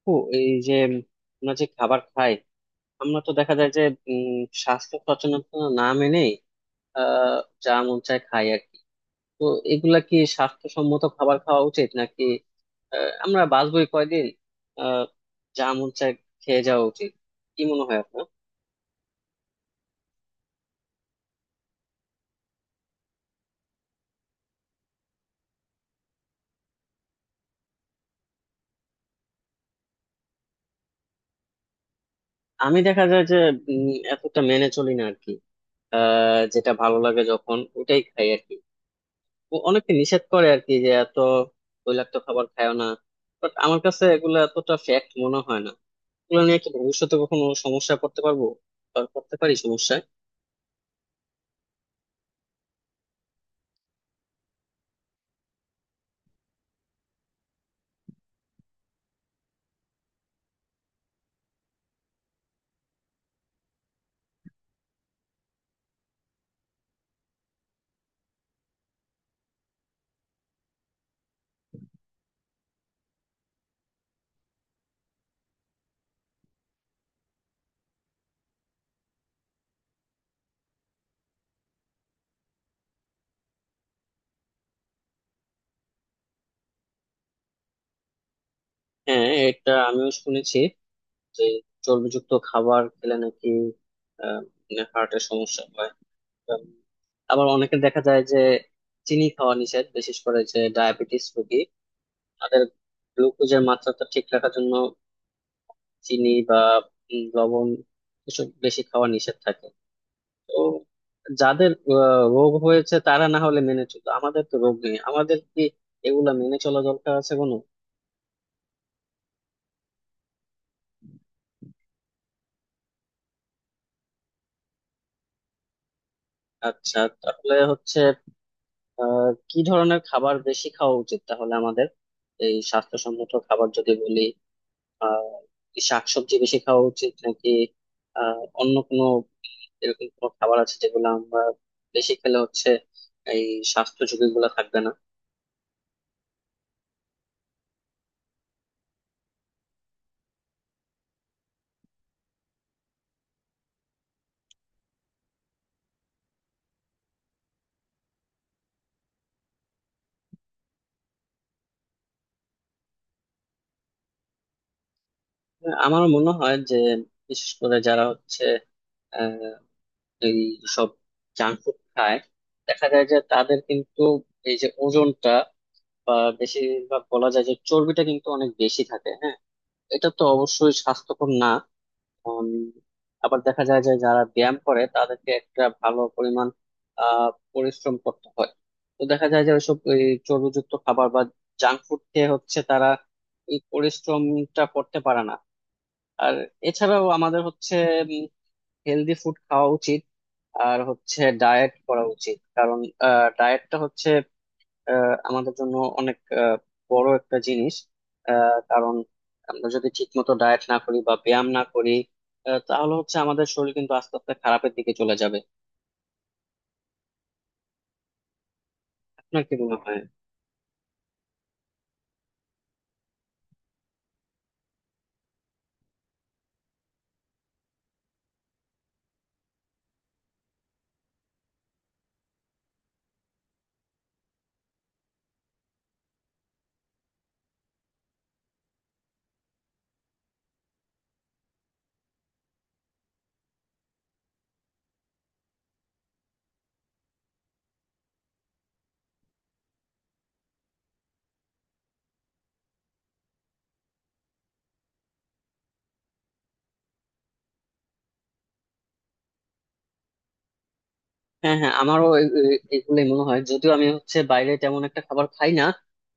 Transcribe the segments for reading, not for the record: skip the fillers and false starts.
আপু, এই যে আমরা যে খাবার খাই, আমরা তো দেখা যায় যে উম, স্বাস্থ্য সচেতনতা না মেনেই আহ যা মন চায় খাই আর কি। তো এগুলা কি স্বাস্থ্যসম্মত খাবার খাওয়া উচিত নাকি আমরা বাঁচবোই কয়দিন, আহ যা মন চায় খেয়ে যাওয়া উচিত? কি মনে হয় আপনার? আমি দেখা যায় যে এতটা মেনে চলি না আর কি। যেটা ভালো লাগে যখন ওটাই খাই আর কি। ও অনেকে নিষেধ করে আর কি যে এত তৈলাক্ত খাবার খায় না, বাট আমার কাছে এগুলা এতটা ফ্যাক্ট মনে হয় না। এগুলো নিয়ে কি ভবিষ্যতে কখনো সমস্যায় পড়তে পারবো? আর পড়তে পারি সমস্যায়? হ্যাঁ, এটা আমিও শুনেছি যে চর্বিযুক্ত খাবার খেলে নাকি হার্টের সমস্যা হয়। উম, আবার অনেকে দেখা যায় যে চিনি খাওয়া নিষেধ, বিশেষ করে যে ডায়াবেটিস রোগী তাদের গ্লুকোজের মাত্রাটা ঠিক রাখার জন্য চিনি বা লবণ এসব বেশি খাওয়া নিষেধ থাকে। তো যাদের রোগ হয়েছে তারা না হলে মেনে চলতো, আমাদের তো রোগ নেই, আমাদের কি এগুলা মেনে চলা দরকার আছে কোনো? আচ্ছা, তাহলে হচ্ছে কি ধরনের খাবার বেশি খাওয়া উচিত তাহলে আমাদের? এই স্বাস্থ্যসম্মত খাবার যদি বলি, আহ কি শাকসবজি বেশি খাওয়া উচিত, নাকি অন্য কোনো এরকম কোনো খাবার আছে যেগুলো আমরা বেশি খেলে হচ্ছে এই স্বাস্থ্য ঝুঁকি গুলা থাকবে না? আমার মনে হয় যে বিশেষ করে যারা হচ্ছে এই সব জাঙ্ক ফুড খায়, দেখা যায় যে তাদের কিন্তু এই যে ওজনটা বা বেশিরভাগ বলা যায় যে চর্বিটা কিন্তু অনেক বেশি থাকে। হ্যাঁ, এটা তো অবশ্যই স্বাস্থ্যকর না। উম, আবার দেখা যায় যে যারা ব্যায়াম করে তাদেরকে একটা ভালো পরিমাণ আহ পরিশ্রম করতে হয়। তো দেখা যায় যে ওইসব এই চর্বিযুক্ত খাবার বা জাঙ্ক ফুড খেয়ে হচ্ছে তারা এই পরিশ্রমটা করতে পারে না। আর এছাড়াও আমাদের হচ্ছে হেলদি ফুড খাওয়া উচিত, আর হচ্ছে ডায়েট করা উচিত, কারণ ডায়েটটা হচ্ছে আমাদের জন্য অনেক বড় একটা জিনিস। কারণ আমরা যদি ঠিক মতো ডায়েট না করি বা ব্যায়াম না করি, তাহলে হচ্ছে আমাদের শরীর কিন্তু আস্তে আস্তে খারাপের দিকে চলে যাবে। আপনার কি মনে হয়? হ্যাঁ হ্যাঁ, আমারও এগুলোই মনে হয়, যদিও আমি হচ্ছে বাইরে তেমন একটা খাবার খাই না।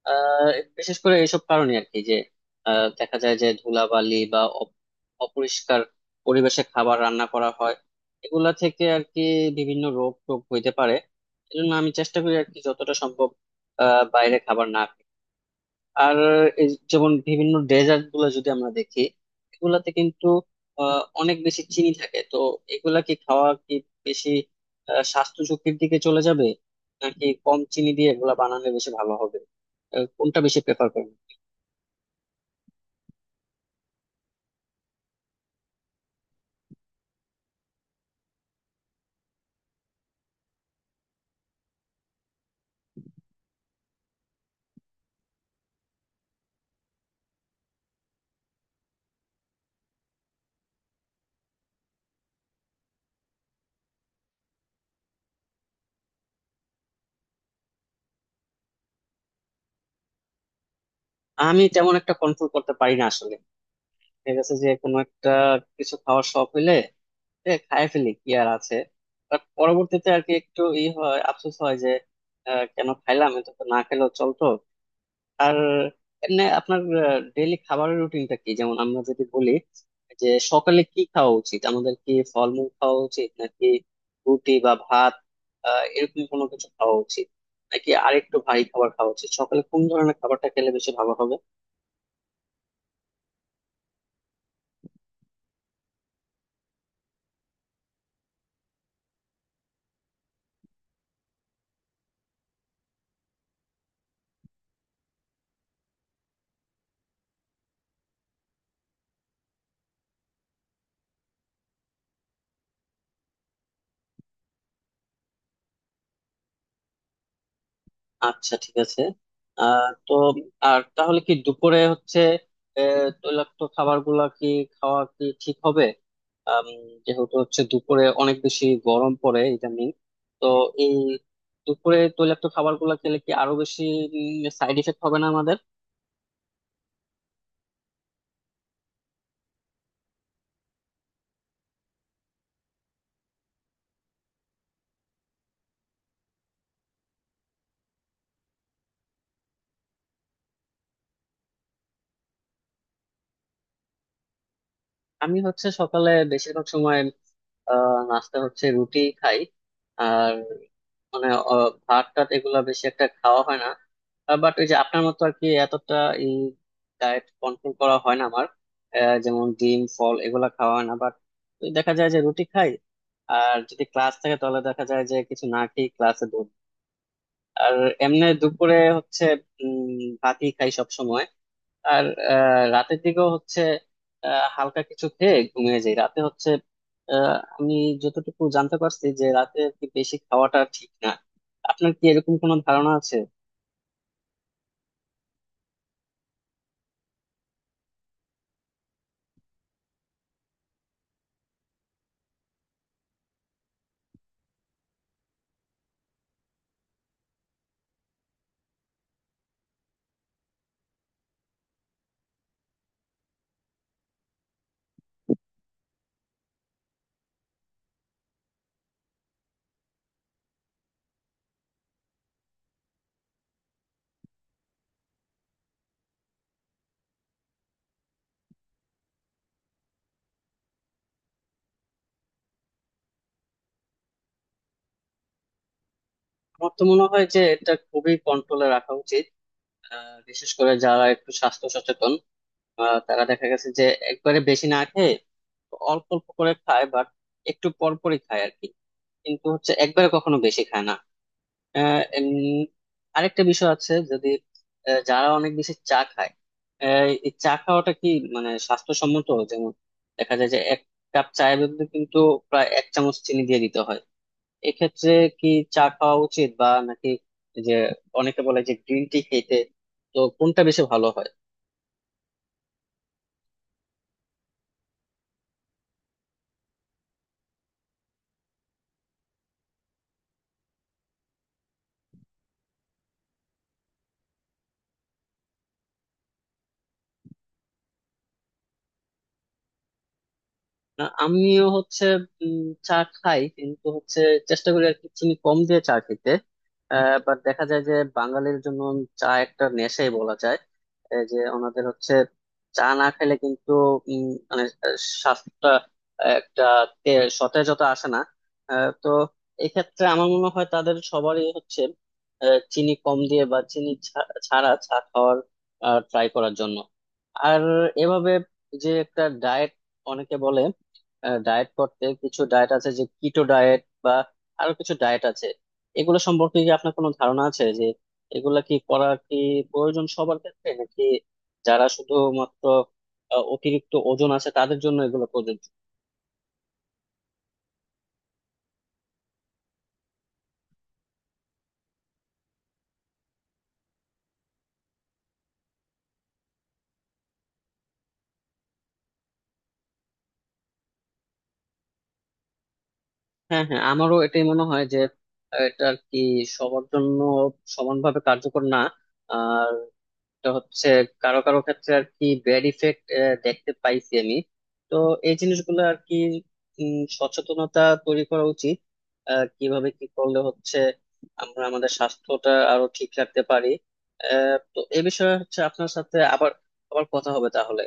আহ, বিশেষ করে এইসব কারণে আর কি যে দেখা যায় যে ধুলাবালি বা অপরিষ্কার পরিবেশে খাবার রান্না করা হয়, এগুলা থেকে আর কি বিভিন্ন রোগ টোগ হইতে পারে। এজন্য আমি চেষ্টা করি আর কি যতটা সম্ভব বাইরে খাবার না। আর এই যেমন বিভিন্ন ডেজার্ট গুলো যদি আমরা দেখি, এগুলাতে কিন্তু অনেক বেশি চিনি থাকে। তো এগুলা কি খাওয়া কি বেশি স্বাস্থ্য ঝুঁকির দিকে চলে যাবে, নাকি কম চিনি দিয়ে এগুলা বানানো বেশি ভালো হবে? কোনটা বেশি প্রেফার করবেন? আমি তেমন একটা কন্ট্রোল করতে পারি না আসলে। ঠিক আছে যে কোনো একটা কিছু খাওয়ার শখ হইলে, খায় ফেলি, কি আর আছে। বাট পরবর্তীতে আর কি একটু ই হয়, আফসোস হয় যে কেন খাইলাম, এটা তো না খেলেও চলতো। আর এমনি আপনার ডেইলি খাবারের রুটিনটা কি? যেমন আমরা যদি বলি যে সকালে কি খাওয়া উচিত, আমাদের কি ফলমূল খাওয়া উচিত, নাকি রুটি বা ভাত, এরকম কোনো কিছু খাওয়া উচিত, নাকি আরেকটু ভারী খাবার খাওয়া উচিত? সকালে কোন ধরনের খাবারটা খেলে বেশি ভালো হবে? আচ্ছা ঠিক আছে। তো আর তাহলে কি দুপুরে হচ্ছে তৈলাক্ত খাবার গুলা কি খাওয়া কি ঠিক হবে? আম, যেহেতু হচ্ছে দুপুরে অনেক বেশি গরম পড়ে ইদানিং, তো এই দুপুরে তৈলাক্ত খাবার গুলা খেলে কি আরো বেশি সাইড এফেক্ট হবে না আমাদের? আমি হচ্ছে সকালে বেশিরভাগ সময় নাস্তা হচ্ছে রুটি খাই। আর মানে ভাত টাত এগুলা বেশি একটা খাওয়া হয় না। বাট ওই যে আপনার মতো আর কি এতটা এই ডায়েট কন্ট্রোল করা হয় না আমার। যেমন ডিম ফল এগুলা খাওয়া হয় না, বাট দেখা যায় যে রুটি খাই। আর যদি ক্লাস থাকে তাহলে দেখা যায় যে কিছু না খেয়ে ক্লাসে দৌড়। আর এমনি দুপুরে হচ্ছে উম ভাতই খাই সব। আর রাতের দিকেও হচ্ছে হালকা কিছু খেয়ে ঘুমিয়ে যাই রাতে হচ্ছে। আমি যতটুকু জানতে পারছি যে রাতে আর কি বেশি খাওয়াটা ঠিক না। আপনার কি এরকম কোনো ধারণা আছে? আমার তো মনে হয় যে এটা খুবই কন্ট্রোলে রাখা উচিত। বিশেষ করে যারা একটু স্বাস্থ্য সচেতন তারা দেখা গেছে যে একবারে বেশি না খেয়ে অল্প অল্প করে খায়, বাট একটু পর পরই খায় আর কি, কিন্তু হচ্ছে একবারে কখনো বেশি খায় না। আহ, উম, আরেকটা বিষয় আছে, যদি যারা অনেক বেশি চা খায়, এই চা খাওয়াটা কি মানে স্বাস্থ্যসম্মত? যেমন দেখা যায় যে এক কাপ চায়ের মধ্যে কিন্তু প্রায় এক চামচ চিনি দিয়ে দিতে হয়। এক্ষেত্রে কি চা খাওয়া উচিত বা নাকি এই যে অনেকে বলে যে গ্রিন টি খেতে, তো কোনটা বেশি ভালো হয়? না, আমিও হচ্ছে উম, চা খাই, কিন্তু হচ্ছে চেষ্টা করি আর কি চিনি কম দিয়ে চা খেতে। বাট দেখা যায় যে বাঙালির জন্য চা একটা নেশাই বলা যায়। এই যে ওনাদের হচ্ছে চা না খেলে কিন্তু উম, মানে স্বাস্থ্যটা একটা তে- সতেজতা আসে না। তো এক্ষেত্রে আমার মনে হয় তাদের সবারই হচ্ছে চিনি কম দিয়ে বা চিনি ছাড়া চা খাওয়ার ট্রাই করার জন্য। আর এভাবে যে একটা ডায়েট, অনেকে বলে ডায়েট করতে, কিছু ডায়েট আছে যে কিটো ডায়েট বা আরো কিছু ডায়েট আছে, এগুলো সম্পর্কে কি আপনার কোনো ধারণা আছে যে এগুলা কি করা কি প্রয়োজন সবার ক্ষেত্রে, নাকি যারা শুধুমাত্র অতিরিক্ত ওজন আছে তাদের জন্য এগুলো প্রযোজ্য? হ্যাঁ হ্যাঁ, আমারও এটাই মনে হয় যে এটা আর কি সবার জন্য সমানভাবে কার্যকর না। আর তো হচ্ছে কারো কারো ক্ষেত্রে আর কি ব্যাড ইফেক্ট দেখতে পাইছি আমি। তো এই জিনিসগুলো আর কি সচেতনতা তৈরি করা উচিত কিভাবে কি করলে হচ্ছে আমরা আমাদের স্বাস্থ্যটা আরো ঠিক রাখতে পারি। তো এ বিষয়ে হচ্ছে আপনার সাথে আবার আবার কথা হবে তাহলে।